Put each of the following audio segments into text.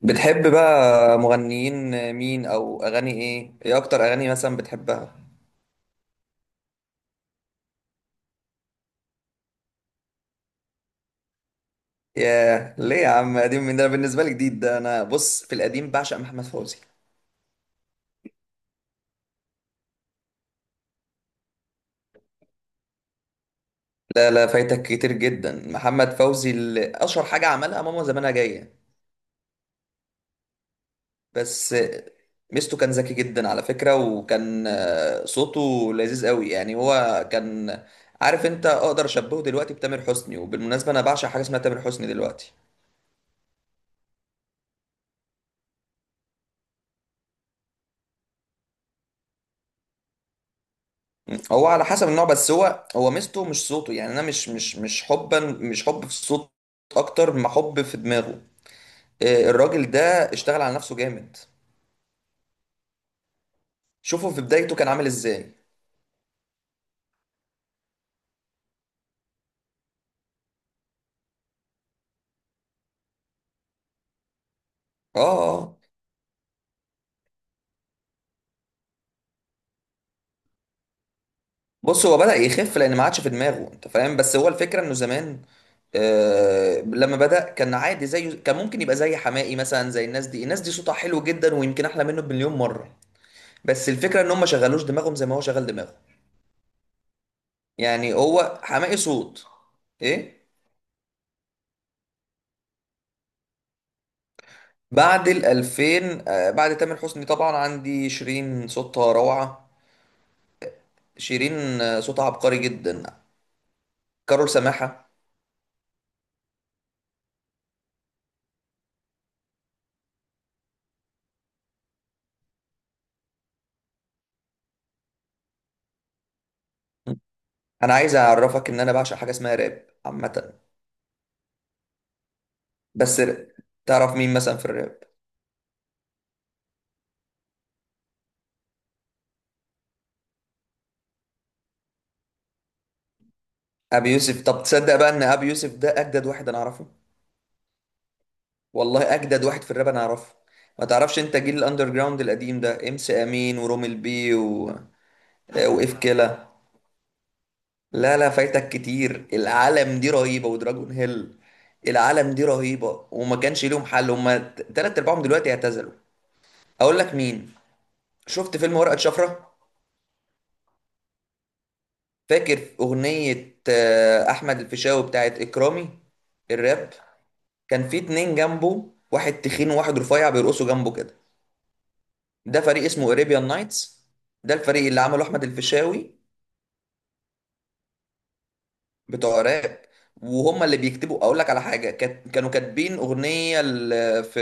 بتحب بقى مغنيين مين او اغاني ايه اكتر اغاني مثلا بتحبها؟ ياه ليه يا عم؟ قديم من ده؟ أنا بالنسبه لي جديد ده. انا بص، في القديم بعشق محمد فوزي. لا لا، فايتك كتير جدا. محمد فوزي اللي اشهر حاجه عملها ماما زمانها جايه بس. ميزته كان ذكي جدا على فكره، وكان صوته لذيذ قوي. يعني هو كان، عارف انت، اقدر اشبهه دلوقتي بتامر حسني. وبالمناسبه انا بعشق حاجه اسمها تامر حسني دلوقتي. هو على حسب النوع، بس هو ميزته مش صوته. يعني انا مش حب في الصوت اكتر ما حب في دماغه. الراجل ده اشتغل على نفسه جامد. شوفوا في بدايته كان عامل ازاي. اه، آه. آه. بص، هو بدأ يخف لان ما عادش في دماغه، انت فاهم، بس هو الفكرة انه زمان، آه، لما بدأ كان عادي زيه. كان ممكن يبقى زي حماقي مثلا، زي الناس دي. الناس دي صوتها حلو جدا ويمكن احلى منه بمليون مرة، بس الفكرة ان هم ما شغلوش دماغهم زي ما هو شغل دماغه. يعني هو حماقي صوت. ايه؟ بعد ال 2000، بعد تامر حسني طبعا عندي شيرين، صوتها روعة. شيرين، صوتها عبقري جدا. كارول سماحة. انا عايز اعرفك ان انا بعشق حاجة اسمها راب عامة. بس ر- تعرف مين مثلا في الراب؟ ابي يوسف؟ طب تصدق بقى ان ابي يوسف ده اجدد واحد انا اعرفه. والله اجدد واحد في الراب انا اعرفه. ما تعرفش انت جيل الاندر جراوند القديم ده؟ امس امين ورومل بي واف كيلا. لا لا، فايتك كتير. العالم دي رهيبة، ودراجون هيل، العالم دي رهيبة وما كانش ليهم حل. هما تلات ارباعهم دلوقتي اعتزلوا. اقول لك مين. شفت فيلم ورقة شفرة؟ فاكر اغنية احمد الفيشاوي بتاعت اكرامي، الراب؟ كان في اتنين جنبه، واحد تخين وواحد رفيع، بيرقصوا جنبه كده. ده فريق اسمه اريبيان نايتس. ده الفريق اللي عمله احمد الفيشاوي. بتوع راب. وهم اللي بيكتبوا. اقول لك على حاجه، كانوا كاتبين اغنيه في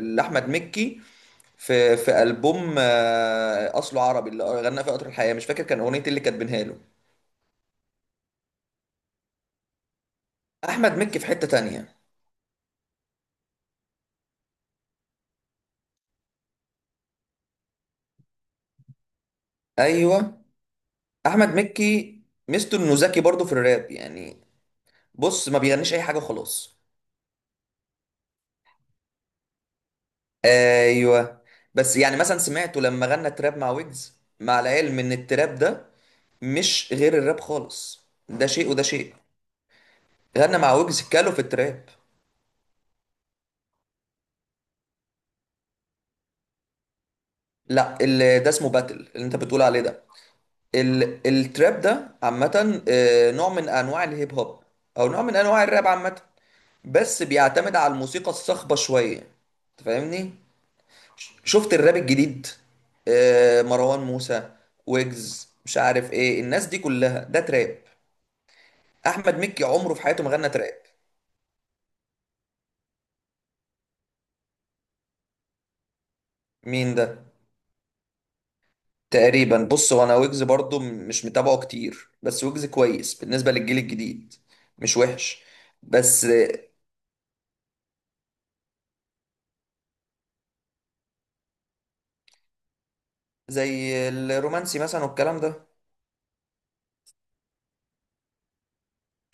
لاحمد مكي، في البوم اصله عربي، اللي غنى فيه قطر الحياه. مش فاكر كان اغنيه إيه اللي كاتبينها له. احمد مكي في حته تانية. ايوه، احمد مكي ميزته انه ذكي برضه في الراب يعني. بص، ما بيغنيش اي حاجه وخلاص. ايوه. بس يعني مثلا سمعته لما غنى تراب مع ويجز، مع العلم ان التراب ده مش غير الراب خالص، ده شيء وده شيء. غنى مع ويجز كالو في التراب. لا، اللي ده اسمه باتل اللي انت بتقول عليه ده. التراب ده عامة نوع من انواع الهيب هوب، او نوع من انواع الراب عامة، بس بيعتمد على الموسيقى الصاخبة شوية. انت فاهمني؟ شفت الراب الجديد، مروان موسى، ويجز؟ مش عارف ايه، الناس دي كلها ده تراب. احمد مكي عمره في حياته ما غنى تراب. مين ده؟ تقريبا، بص، هو انا ويجز برضو مش متابعه كتير، بس ويجز كويس بالنسبة للجيل الجديد. مش وحش. بس زي الرومانسي مثلا والكلام ده.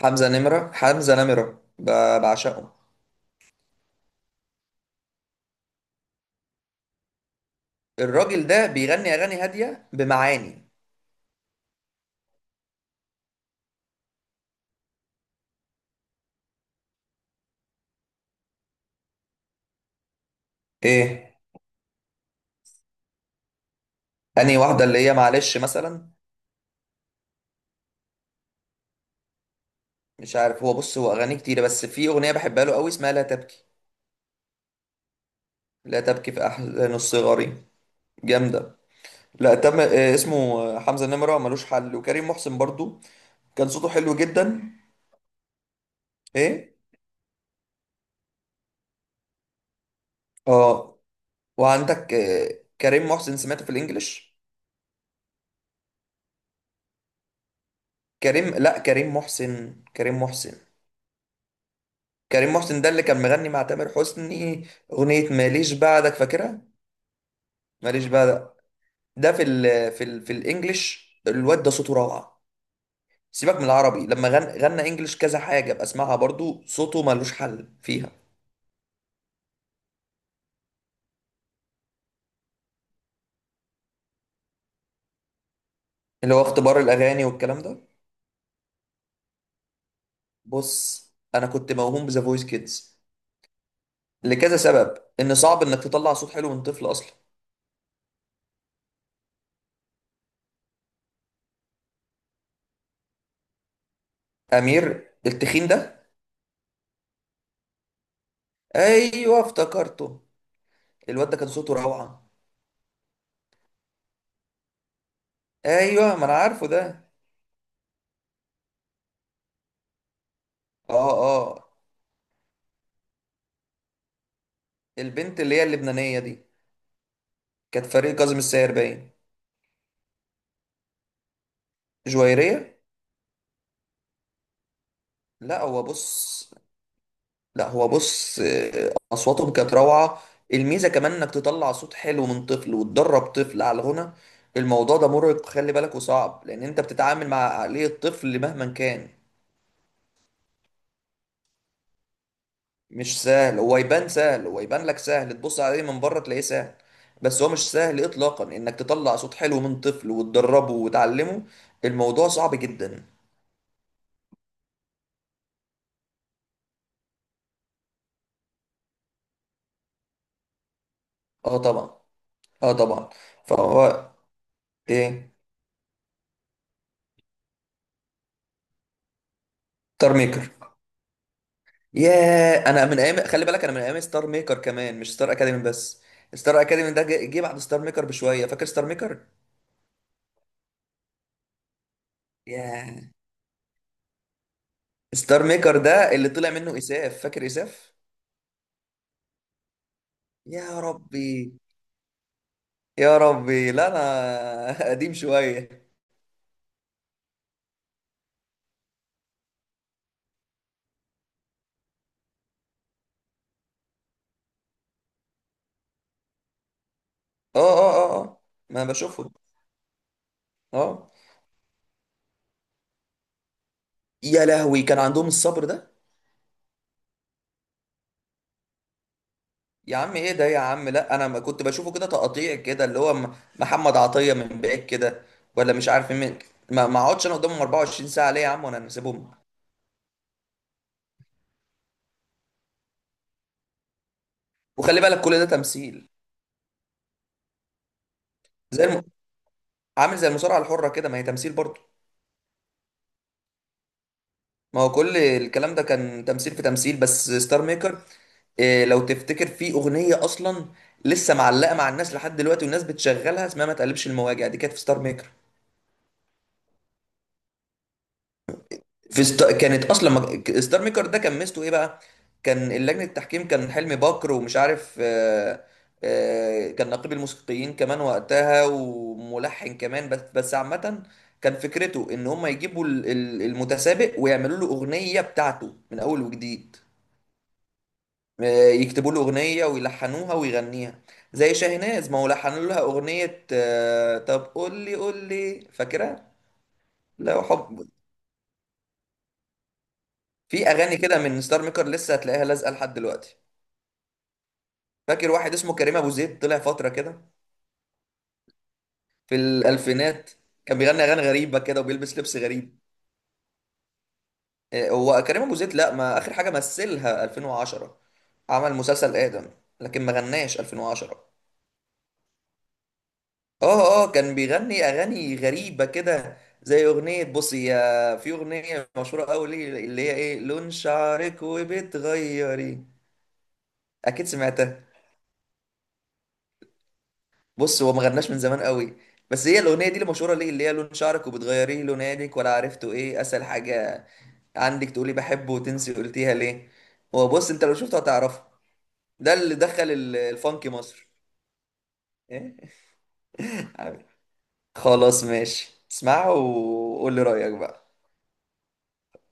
حمزة نمرة، حمزة نمرة بعشقه. الراجل ده بيغني اغاني هادية بمعاني. ايه انهي واحدة اللي هي، معلش، مثلا؟ مش عارف. هو، بص، هو اغاني كتيرة، بس في اغنية بحبها له قوي، اسمها لا تبكي. لا تبكي في احزان الصغار. جامدة. لا تم إيه اسمه آه، حمزة نمرة ملوش حل. وكريم محسن برضو كان صوته حلو جدا. ايه؟ اه. وعندك كريم محسن، سمعته في الانجليش؟ كريم لا كريم محسن، كريم محسن ده اللي كان مغني مع تامر حسني، اغنية ماليش بعدك، فاكرها؟ ماليش بعدك. ده في ال في ال في الانجليش الواد ده صوته روعة. سيبك من العربي، لما غنى انجليش كذا حاجة بسمعها برضو، صوته ملوش حل فيها. اللي هو اختبار الاغاني والكلام ده. بص، انا كنت موهوم بذا فويس كيدز لكذا سبب. ان صعب انك تطلع صوت حلو من طفل اصلا. امير التخين ده؟ ايوه، افتكرته. الواد ده كان صوته روعه. ايوه، ما انا عارفه ده. اه. اه. البنت اللي هي اللبنانيه دي كانت فريق كاظم الساهر، باين. جويريه. لا، هو، بص، لا، هو، بص، اصواتهم كانت روعه. الميزه كمان انك تطلع صوت حلو من طفل، وتدرب طفل على الغنى. الموضوع ده مرهق، خلي بالك، وصعب، لان انت بتتعامل مع عقليه طفل مهما كان. مش سهل. هو يبان سهل، هو يبان لك سهل، تبص عليه من بره تلاقيه سهل، بس هو مش سهل اطلاقا انك تطلع صوت حلو من طفل وتدربه وتعلمه. الموضوع صعب جدا. اه طبعا. اه طبعا فهو. ايه؟ ستار ميكر. ياه، انا من ايام، خلي بالك، انا من ايام ستار ميكر كمان، مش ستار اكاديمي بس. ستار اكاديمي ده جه بعد ستار ميكر بشويه، فاكر ستار ميكر. ياه. ستار ميكر ده اللي طلع منه اساف، فاكر اساف؟ يا ربي. يا ربي، لا انا قديم شويه. اه اه اه اه. ما بشوفه. اه. يا لهوي، كان عندهم الصبر ده؟ يا عم، ايه ده يا عم؟ لا انا ما كنت بشوفه كده، تقطيع كده، اللي هو محمد عطيه من بعيد كده، ولا مش عارف مين. ما اقعدش انا قدامهم 24 ساعه ليه يا عم، وانا نسيبهم. وخلي بالك كل ده تمثيل. زي الم... عامل زي المصارعه الحره كده، ما هي تمثيل برضه. ما هو كل الكلام ده كان تمثيل في تمثيل، بس ستار ميكر، إيه لو تفتكر، في اغنيه اصلا لسه معلقه مع الناس لحد دلوقتي، والناس بتشغلها، اسمها ما تقلبش المواجع، دي كانت في ستار ميكر. في ست... كانت اصلا ما... ستار ميكر ده كان ميزته ايه بقى؟ كان اللجنه التحكيم، كان حلمي بكر، ومش عارف كان نقيب الموسيقيين كمان وقتها، وملحن كمان بس، بس عامه، كان فكرته ان هم يجيبوا المتسابق ويعملوا له اغنيه بتاعته من اول وجديد، يكتبوا له اغنيه ويلحنوها ويغنيها. زي شاهناز، ما هو لحنوا لها اغنيه طب قول لي، قول لي، فاكرها؟ لو حب. في اغاني كده من ستار ميكر لسه هتلاقيها لازقه لحد دلوقتي. فاكر واحد اسمه كريم ابو زيد طلع فتره كده في الالفينات، كان بيغني اغاني غريبه كده وبيلبس لبس غريب؟ هو كريم ابو زيد، لا، ما اخر حاجه مثلها 2010، عمل مسلسل ادم، لكن ما غناش 2010. اه، اه، كان بيغني اغاني غريبه كده، زي اغنيه بصي يا، في اغنيه مشهوره قوي ليه، اللي هي ايه، لون شعرك وبتغيري. اكيد سمعتها. بص، هو ما غناش من زمان قوي، بس هي الاغنيه دي اللي مشهوره ليه، اللي هي لون شعرك وبتغيريه لونك ولا عرفته، ايه اسهل حاجه عندك، تقولي بحبه، وتنسي قلتيها ليه. هو بص، انت لو شفته هتعرفه. ده اللي دخل الفانك مصر. إيه؟ خلاص ماشي، اسمعها وقول لي رايك بقى.